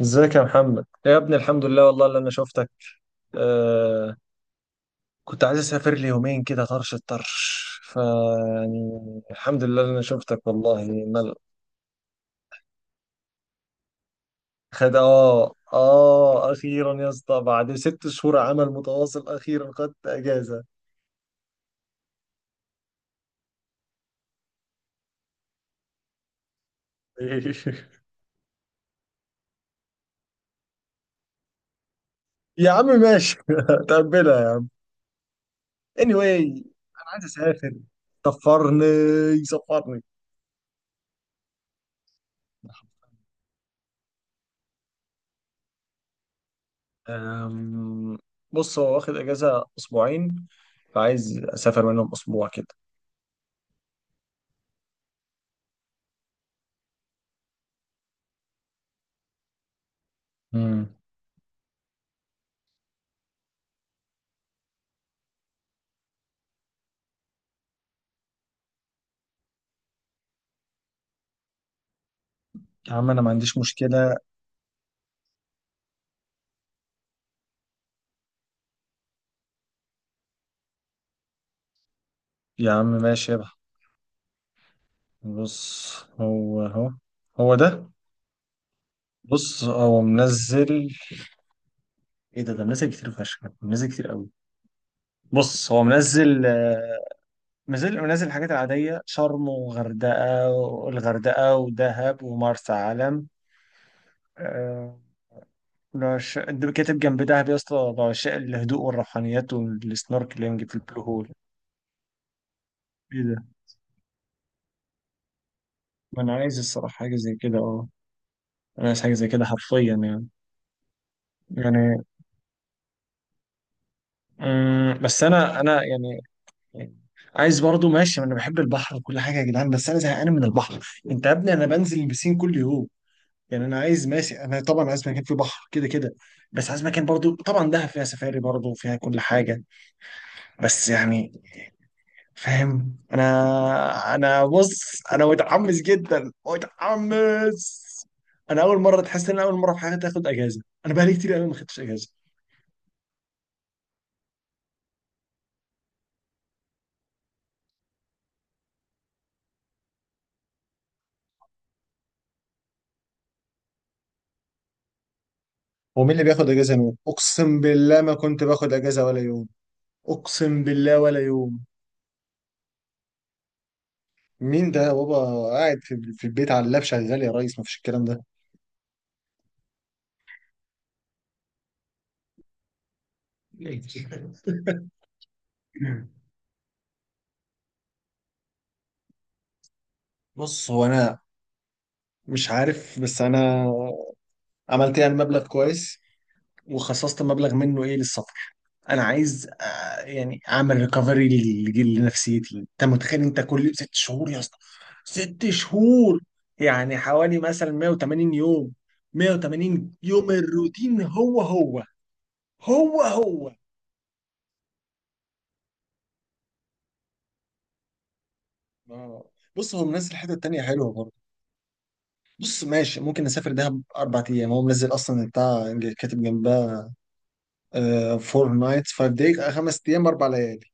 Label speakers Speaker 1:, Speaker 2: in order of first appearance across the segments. Speaker 1: ازيك يا محمد يا ابني، الحمد لله والله اللي انا شفتك. آه كنت عايز اسافر لي يومين كده. طرش الطرش ف يعني الحمد لله اللي انا شفتك والله. خد اخيرا يا اسطى، بعد 6 شهور عمل متواصل اخيرا خدت اجازه. يا عم ماشي. تقبلها يعني anyway. انا عايز اسافر. سفرني، سفرني. أم، بص، هو واخد اجازه اسبوعين، فعايز اسافر منهم اسبوع كده. امم يا عم انا ما عنديش مشكلة. يا عم ماشي يا بح. بص، هو هو هو ده. بص هو منزل. ايه ده منزل كتير فشخ، منزل كتير قوي. بص هو منزل، منزل الحاجات العادية: شرم، والغردقة، ودهب، ومرسى علم. آه، ده كاتب جنب دهب يا اسطى: بعشاء الهدوء والروحانيات، والسنوركلينج في البلو هول. ايه ده؟ ما انا عايز الصراحة حاجة زي كده، اه. انا عايز حاجة زي كده حرفيا يعني. يعني بس انا يعني، يعني عايز برضو، ماشي، انا بحب البحر وكل حاجه يا جدعان، بس انا زهقان من البحر. انت يا ابني انا بنزل البسين كل يوم. يعني انا عايز، ماشي، انا طبعا عايز مكان فيه بحر كده كده. بس عايز مكان برضو، طبعا دهب فيها سفاري برضو وفيها كل حاجه، بس يعني، فاهم؟ انا بص، انا متحمس جدا، متحمس. انا اول مره تحس ان أنا اول مره في حياتي اخد اجازه. انا بقالي كتير قوي ما خدتش اجازه. ومين اللي بياخد اجازه يوم؟ اقسم بالله ما كنت باخد اجازه ولا يوم. اقسم بالله ولا يوم. مين ده يا بابا؟ قاعد في البيت على اللاب شغال يا ريس، مفيش الكلام ده. بص هو انا مش عارف، بس انا عملت يعني مبلغ كويس، وخصصت مبلغ منه ايه للسفر. انا عايز، يعني، اعمل ريكفري لنفسيتي. انت متخيل؟ انت كل 6 شهور يا اسطى، 6 شهور، يعني حوالي مثلا 180 يوم. 180 يوم الروتين هو هو، هو هو، اه. بص هو منزل حتة تانية حلوة برضه. بص ماشي، ممكن نسافر دهب 4 أيام. هو منزل أصلا بتاع كاتب جنبها: فور نايتس فايف دايز، 5 أيام 4 ليالي،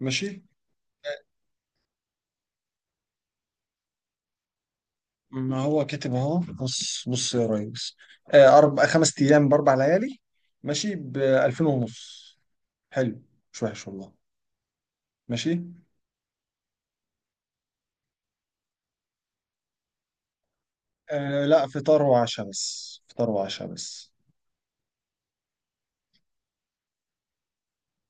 Speaker 1: ماشي. ما هو كاتب أهو. بص، بص يا ريس، أربع خمس أيام ب4 ليالي، ماشي، ب 2000 ونص. حلو، مش وحش والله، ماشي. آه لا، فطار وعشاء بس، فطار وعشاء بس.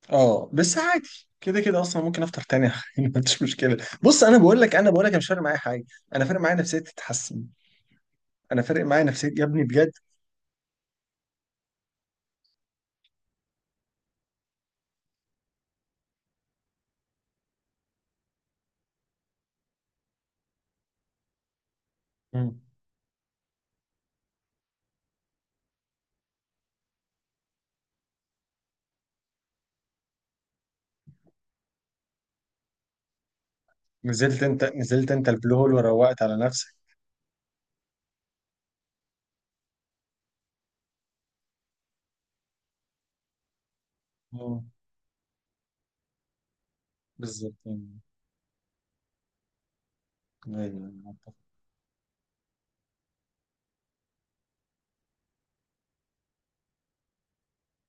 Speaker 1: اه بس عادي، كده كده اصلا ممكن افطر تاني. ما عنديش مشكله. بص انا بقول لك، انا بقول لك، أنا مش فارق معايا حاجه. انا فارق معايا نفسيتي تتحسن. انا فارق معايا نفسيتي يا ابني بجد. مم. نزلت انت، نزلت انت البلو هول وروقت على نفسك. مم. بالظبط. مم. ايوه.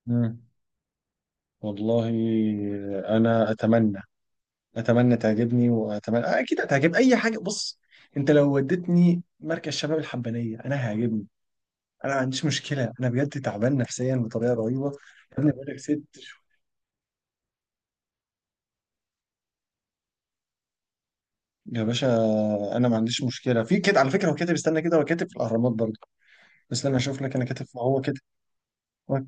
Speaker 1: مم. والله انا اتمنى، اتمنى تعجبني، واتمنى اكيد هتعجب اي حاجه. بص، انت لو وديتني مركز شباب الحبانيه انا هيعجبني. انا ما عنديش مشكله، انا بجد تعبان نفسيا بطريقه رهيبه. يا ابني بقول لك 6 شهور. يا باشا، انا ما عنديش مشكله في كده. على فكره هو كاتب، استنى كده، هو كاتب في الاهرامات برضه. استنى اشوف لك. انا كاتب، ما هو كاتب. هو-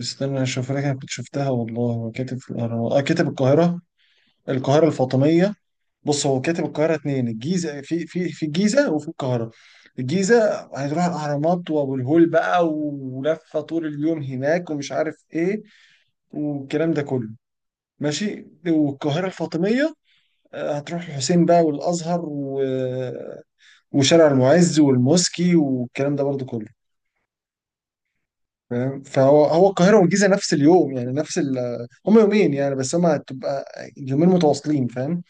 Speaker 1: استنى اشوف لك. انا كنت شفتها والله، هو كاتب في الاهرامات، اه، كاتب القاهره، القاهره الفاطميه. بص هو كاتب القاهره 2: الجيزه، في الجيزه وفي القاهره. الجيزه هتروح الاهرامات وابو الهول بقى، ولفه طول اليوم هناك، ومش عارف ايه والكلام ده كله، ماشي. والقاهره الفاطميه، هتروح الحسين بقى والازهر، وشارع المعز والموسكي والكلام ده برضو كله، فاهم؟ فهو هو القاهره والجيزه نفس اليوم، يعني نفس. هم يومين يعني، بس هم هتبقى يومين متواصلين، فاهم؟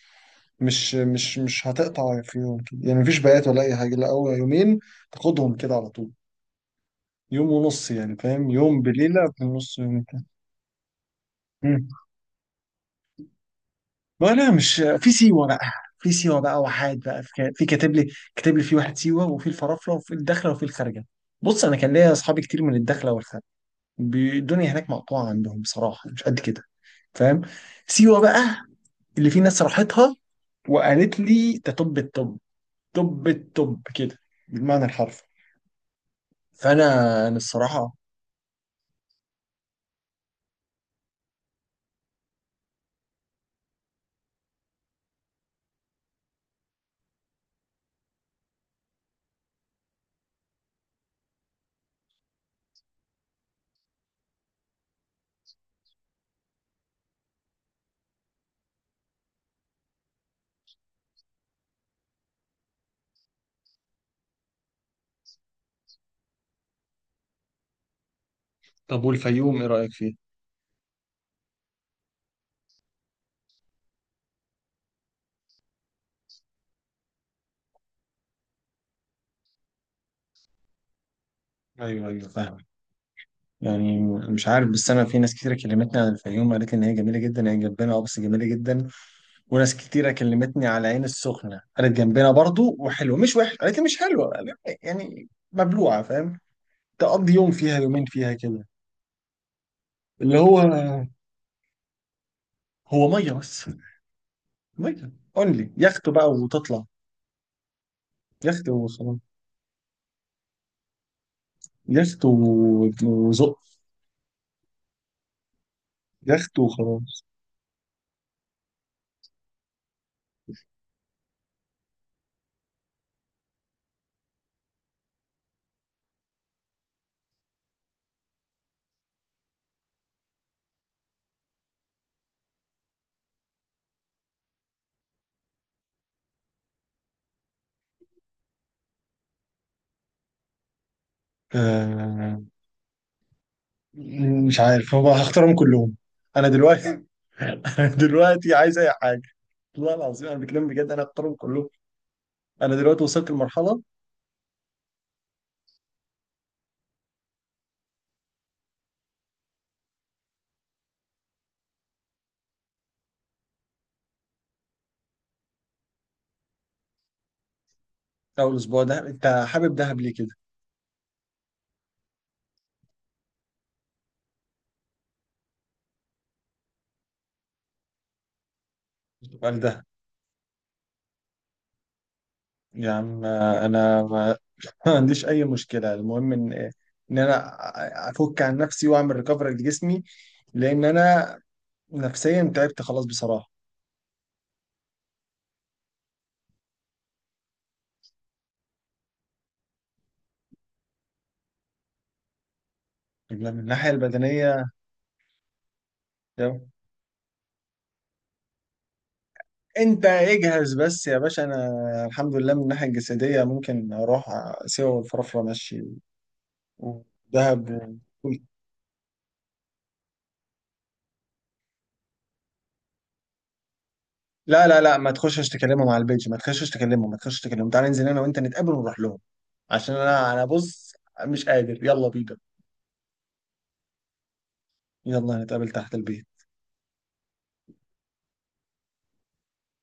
Speaker 1: مش هتقطع في يوم كده، يعني مفيش بيات ولا اي حاجه، لا هو يومين تاخدهم كده على طول. يوم ونص يعني، فاهم؟ يوم بليله في النص يوم كده. ولا مش في سيوه بقى؟ في سيوه بقى، وحاد بقى، في كاتب لي، في واحد: سيوه، وفي الفرافره، وفي الدخله، وفي الخارجه. بص انا كان ليا اصحابي كتير من الدخله والخارجه. الدنيا هناك مقطوعه عندهم بصراحه، مش قد كده، فاهم؟ سيوه بقى، اللي في ناس راحتها وقالت لي ده طب الطب. كده بالمعنى الحرفي. فانا انا الصراحه. طب والفيوم ايه رايك فيه؟ ايوه، ايوه، فاهم. يعني مش عارف، بس انا في ناس كتيره كلمتني عن الفيوم قالت لي ان هي جميله جدا، هي جنبنا اه، بس جميله جدا. وناس كتيره كلمتني على عين السخنه قالت جنبنا برضو وحلوه مش وحش، قالت لي مش حلوه، قالت لي يعني مبلوعه، فاهم؟ تقضي يوم فيها، يومين فيها كده. اللي هو هو ميه بس، ميه اونلي، يخت بقى وتطلع. يخت وخلاص. يخت وزق. يخت وخلاص. آه مش عارف، هو هختارهم كلهم. انا دلوقتي، دلوقتي عايز اي حاجه. والله العظيم انا بتكلم بجد، انا اختارهم كلهم. انا دلوقتي وصلت لمرحله. او الاسبوع ده، انت حابب دهب ليه كده؟ قال ده. يا عم انا ما ما عنديش اي مشكله، المهم ان انا افك عن نفسي واعمل ريكفري لجسمي، لان انا نفسيا تعبت خلاص بصراحه. من الناحيه البدنيه تمام. انت اجهز بس يا باشا، انا الحمد لله من الناحيه الجسديه ممكن اروح سيوه والفرافره، ماشي، ودهب. لا، لا، لا، ما تخشش تكلمهم على البيج، ما تخشش تكلمهم، ما تخشش تكلمهم. تعالى ننزل انا وانت، نتقابل ونروح لهم، عشان انا بص مش قادر، يلا بينا. يلا نتقابل تحت البيت.